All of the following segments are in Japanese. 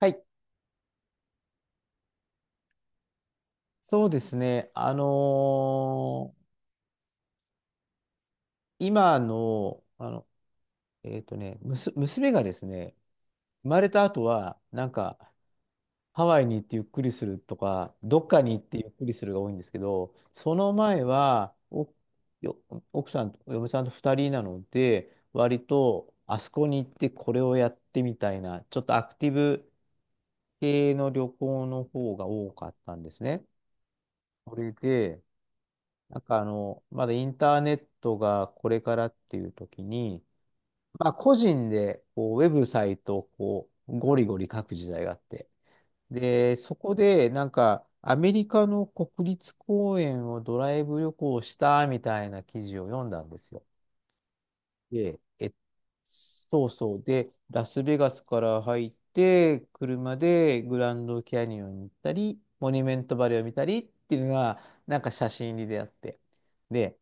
はい、そうですね。あのー今の、あの、えっとね、むす、娘がですね、生まれた後は、ハワイに行ってゆっくりするとか、どっかに行ってゆっくりするが多いんですけど、その前は、よ、奥さんと、嫁さんと2人なので、割と、あそこに行ってこれをやってみたいな、ちょっとアクティブ系の旅行の方が多かったんですね。それで、まだインターネットがこれからっていう時に、まあ個人でこうウェブサイトをこうゴリゴリ書く時代があって。で、そこでなんかアメリカの国立公園をドライブ旅行したみたいな記事を読んだんですよ。で、え、そうそう。で、ラスベガスから入って、車でグランドキャニオンに行ったり、モニュメントバレーを見たりっていうのが、なんか写真に出会って。で、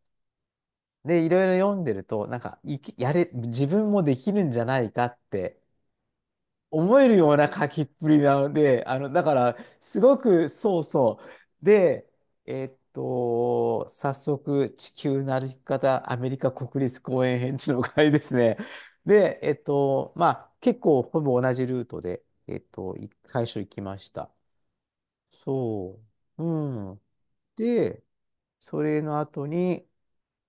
で、いろいろ読んでると、なんか、いき、やれ、自分もできるんじゃないかって思えるような書きっぷりなので、あの、だから、すごく、そうそう。で、えっと、早速、地球の歩き方、アメリカ国立公園編地の会ですね。で、えっと、まあ、結構、ほぼ同じルートで、最初行きました。そう。うん。で、それの後に、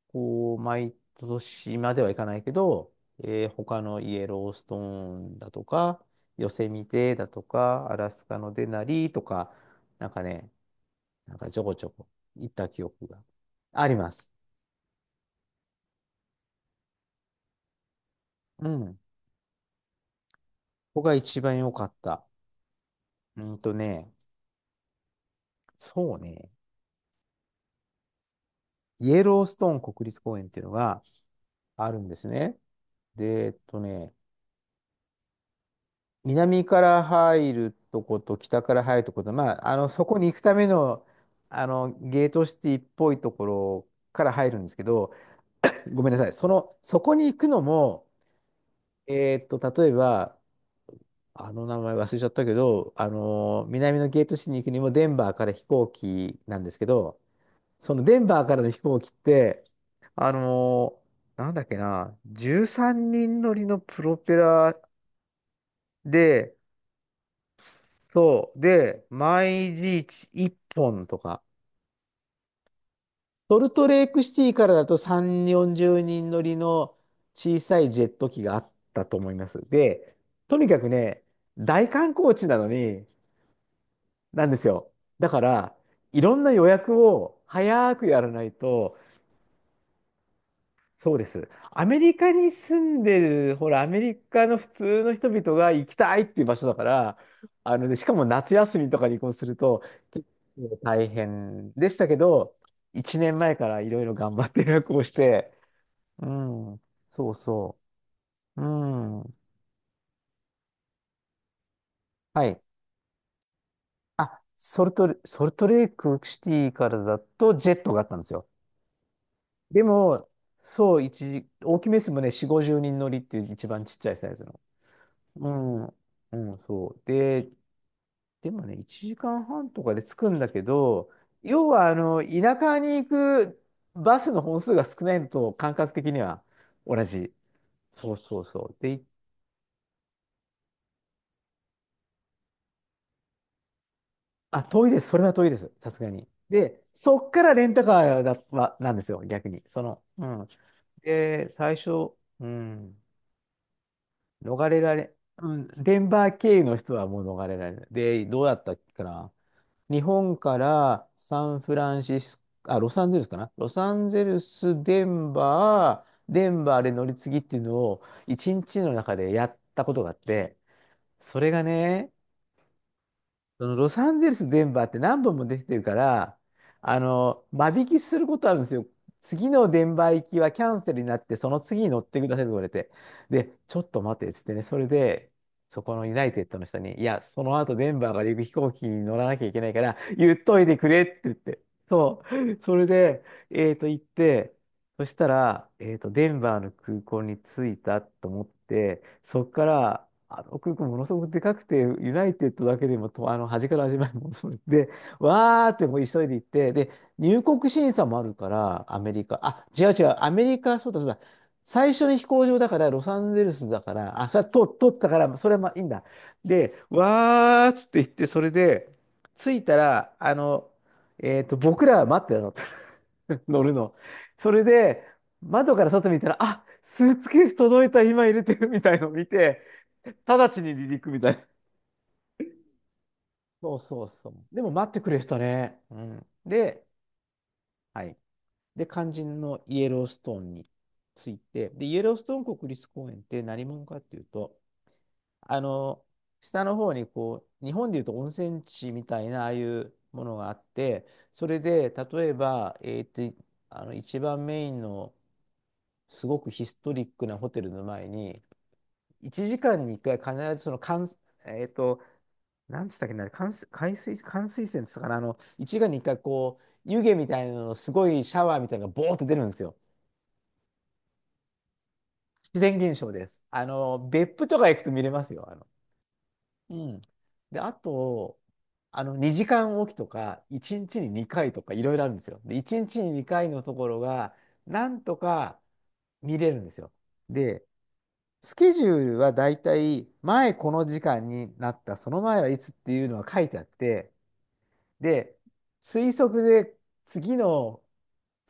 こう、毎年まではいかないけど、他のイエローストーンだとか、ヨセミテだとか、アラスカのデナリとか、なんかね、なんかちょこちょこ行った記憶があります。うん。ここが一番良かった。うんとね、そうね、イエローストーン国立公園っていうのがあるんですね。で、えっとね、南から入るとこと北から入るとこと、まあ、あの、そこに行くための、あの、ゲートシティっぽいところから入るんですけど、ごめんなさい。その、そこに行くのも、えーっと、例えば、あの名前忘れちゃったけど、あの、南のゲートシティに行くにもデンバーから飛行機なんですけど、そのデンバーからの飛行機って、あの、なんだっけな、13人乗りのプロペラで、そう。で、毎日1本とか。ソルトレークシティからだと3、40人乗りの小さいジェット機があったと思います。で、とにかくね、大観光地なのに、なんですよ。だから、いろんな予約を早くやらないと、そうです。アメリカに住んでる、ほら、アメリカの普通の人々が行きたいっていう場所だから、あのね、しかも夏休みとかに移行すると、結構大変でしたけど、1年前からいろいろ頑張って予約をして、うん、そうそう、うん、はい。ソルトレークシティからだとジェットがあったんですよ。でも、そう、一時、大きめですもんね、4、50人乗りっていう一番ちっちゃいサイズの。うん、うん、そう。でもね、1時間半とかで着くんだけど、要は、あの、田舎に行くバスの本数が少ないのと感覚的には同じ。そうそうそう。で、いあ、遠いです。それは遠いです。さすがに。で、そっからレンタカーだ、は、なんですよ、逆に。その、うん。で、最初、うん、逃れられ、うん、デンバー経由の人はもう逃れられない。で、どうだったっけかな。日本からサンフランシスコ、あ、ロサンゼルスかな。ロサンゼルス、デンバー、デンバーで乗り継ぎっていうのを一日の中でやったことがあって、それがね、そのロサンゼルス、デンバーって何本も出てるから、あの、間引きすることあるんですよ。次のデンバー行きはキャンセルになって、その次に乗ってくださいと言われて。で、ちょっと待てっつってね、それで、そこのユナイテッドの人に、いや、その後デンバーから行く飛行機に乗らなきゃいけないから、言っといてくれって言って。そう。それで、えっと、行って、そしたら、えっと、デンバーの空港に着いたと思って、そこから、あの空港ものすごくでかくて、ユナイテッドだけでもと、あの、端から端までものすごく で、わーってもう急いで行って、で、入国審査もあるから、アメリカ。あ、違う違う、アメリカ、そうだそうだ。最初に飛行場だから、ロサンゼルスだから、あ、それは通通ったから、それはまあいいんだ。で、わーっつって言って、それで、着いたら、あの、えっと、僕らは待ってたの。乗るの。それで、窓から外見たら、あ、スーツケース届いた、今入れてるみたいのを見て、直ちに離陸みたいな。そうそうそう。でも待ってくれてたね。うん。で、はい。で、肝心のイエローストーンについて、で、イエローストーン国立公園って何者かっていうと、あの、下の方にこう、日本でいうと温泉地みたいな、ああいうものがあって、それで、例えば、えーっと、あの、一番メインの、すごくヒストリックなホテルの前に、1時間に1回必ずそのかんえっと、なんつったっけな、関水、海水、冠水泉っつったかな、あの、1時間に1回こう、湯気みたいなの、すごいシャワーみたいなのがボーって出るんですよ。自然現象です。あの、別府とか行くと見れますよ。あの、うん。で、あと、あの、2時間おきとか、1日に2回とか、いろいろあるんですよ。で、1日に2回のところが、なんとか見れるんですよ。で、スケジュールはだいたい前この時間になった、その前はいつっていうのは書いてあって、で、推測で次の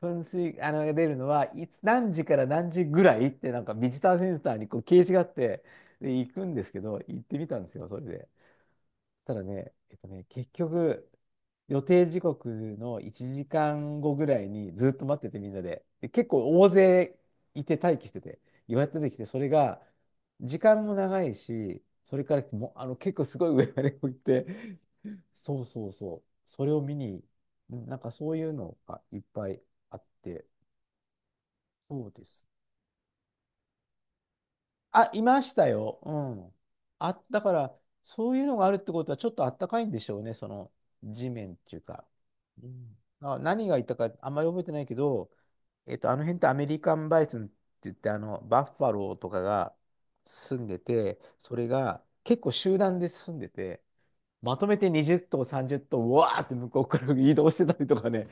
噴水、あの、が出るのはいつ、何時から何時ぐらいってなんかビジターセンターにこう掲示があって、で、行くんですけど、行ってみたんですよ、それで。ただね、えっとね、結局、予定時刻の1時間後ぐらいにずっと待っててみんなで、で結構大勢いて待機してて、予約出てきて、それが時間も長いし、それからもうあの結構すごい上まで置いて、そうそうそう、それを見に、うんなんかそういうのがいっぱいあって、そうですあ、いましたよ。うん。あ、だから、そういうのがあるってことは、ちょっとあったかいんでしょうね、その地面っていうか。うんあ、何がいたか、あんまり覚えてないけど、えっと、あの辺ってアメリカンバイソンって言って、あの、バッファローとかが住んでて、それが結構集団で住んでて、まとめて20頭、30頭、うわーって向こうから移動してたりとかね。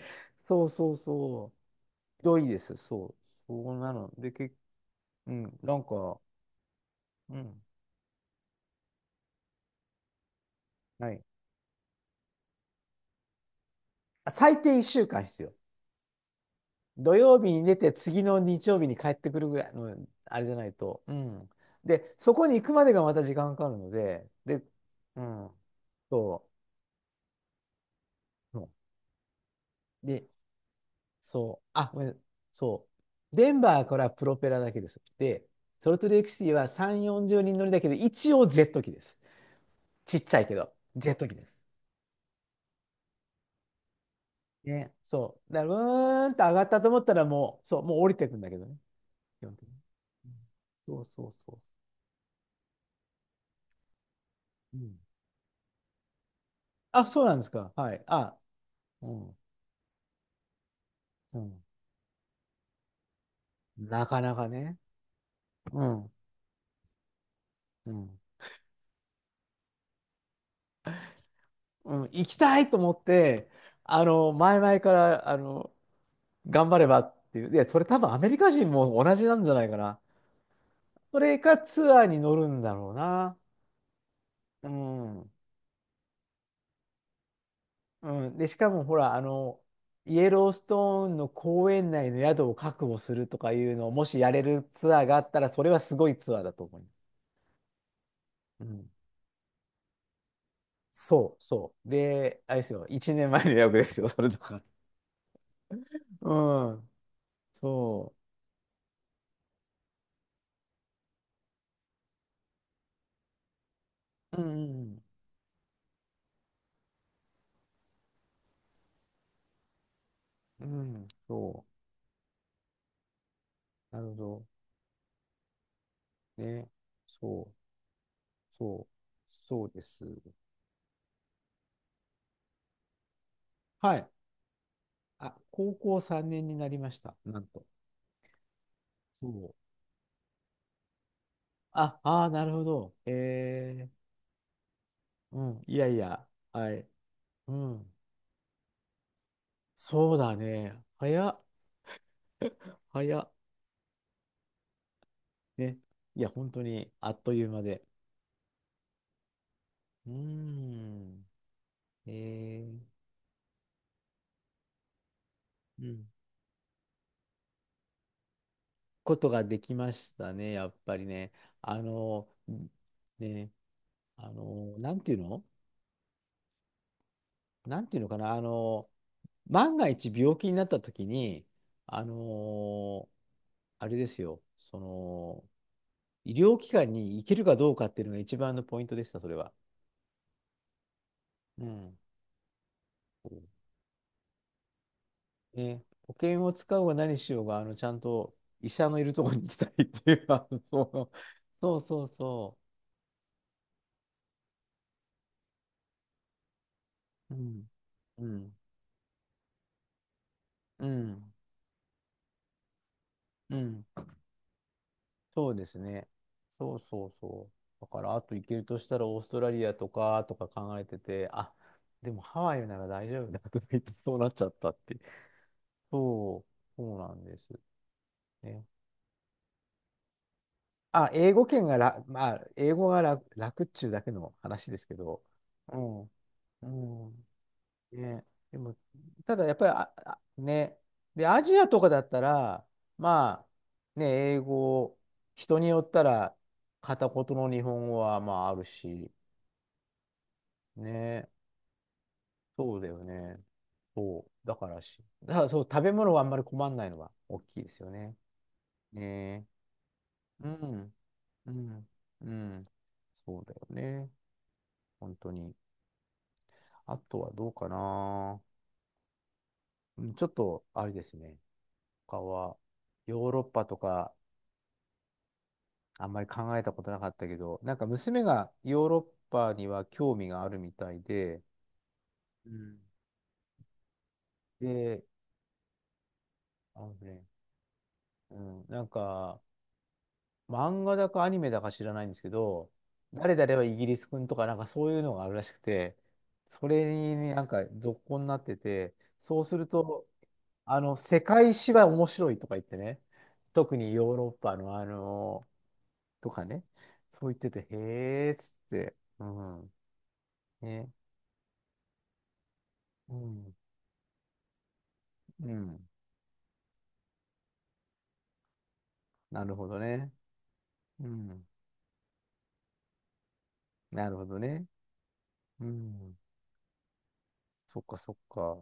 そうそうそう。ひどいです、そう。そうなの。で、け、うん、なんか、うん。はい最低1週間必要。土曜日に出て、次の日曜日に帰ってくるぐらいの、あれじゃないと。うん。で、そこに行くまでがまた時間かかるので、で、うん。そう。で、そう。あ、ごめん。そう。デンバーからプロペラだけです。で、ソルトレイクシティは3、40人乗りだけど、一応ジェット機です。ちっちゃいけど、ジェット機です。ね、そう。だから、上がったと思ったらもう、そう、もう降りてくんだけどね。基本的にそうそうそう。うん。あ、そうなんですか。はい。あ、うん、うん。なかなかね。うん、うん、うん。行きたいと思って、前々から、頑張ればっていう。いや、それ多分アメリカ人も同じなんじゃないかな。それかツアーに乗るんだろうな。うん、うん。で、しかもほら、イエローストーンの公園内の宿を確保するとかいうのを、もしやれるツアーがあったら、それはすごいツアーだと思います。うん。そう、そう。で、あれですよ、1年前の予約ですよ、それとか。うん、そう。うん、うん、うん、そう。なるほど。ね。そう、そう、そうです。はい。あ、高校3年になりました、なんと。そう。あ、ああ、なるほど。うん、いやいや、はい。うん、そうだね。早っ、早っ。ね。いや、本当に、あっという間で。うーん、えー、うん。ことができましたね、やっぱりね。あの、ね、あの、なんていうのなんていうのかな、万が一病気になった時に、あの、あれですよ、医療機関に行けるかどうかっていうのが一番のポイントでした、それは。うん。ね、保険を使おうが何しようが、ちゃんと医者のいるところに行きたいっていう、そう、そうそうそう。うん。うん。うん。うん。そうですね。そうそうそう。だから、あと行けるとしたらオーストラリアとか、とか考えてて、あ、でもハワイなら大丈夫だとか言ってそうなっちゃったって。そう、そうなんです。ね。あ、英語圏がら、まあ、英語が楽、楽っちゅうだけの話ですけど。うん。うん。ね。でも、ただやっぱり、あ、あね。で、アジアとかだったら、まあ、ね、英語、人によったら、片言の日本語はまああるし、ねえ、そうだよね。そう。だからし、だからそう、食べ物はあんまり困んないのは大きいですよね。ねえ。うん、うん、うん。そうだよね。本当に。あとはどうかな。うん、ちょっと、あれですね。他は、ヨーロッパとか、あんまり考えたことなかったけど、なんか娘がヨーロッパには興味があるみたいで、うん。で、あのね、うん、なんか、漫画だかアニメだか知らないんですけど、誰々はイギリス君とかなんかそういうのがあるらしくて、それになんか続行になってて、そうすると、世界史は面白いとか言ってね、特にヨーロッパのとかね、そう言ってて、へえーっつって、うん、ね、うん、うん、なるほどね、うん、なるほどね、うん、そっかそっか。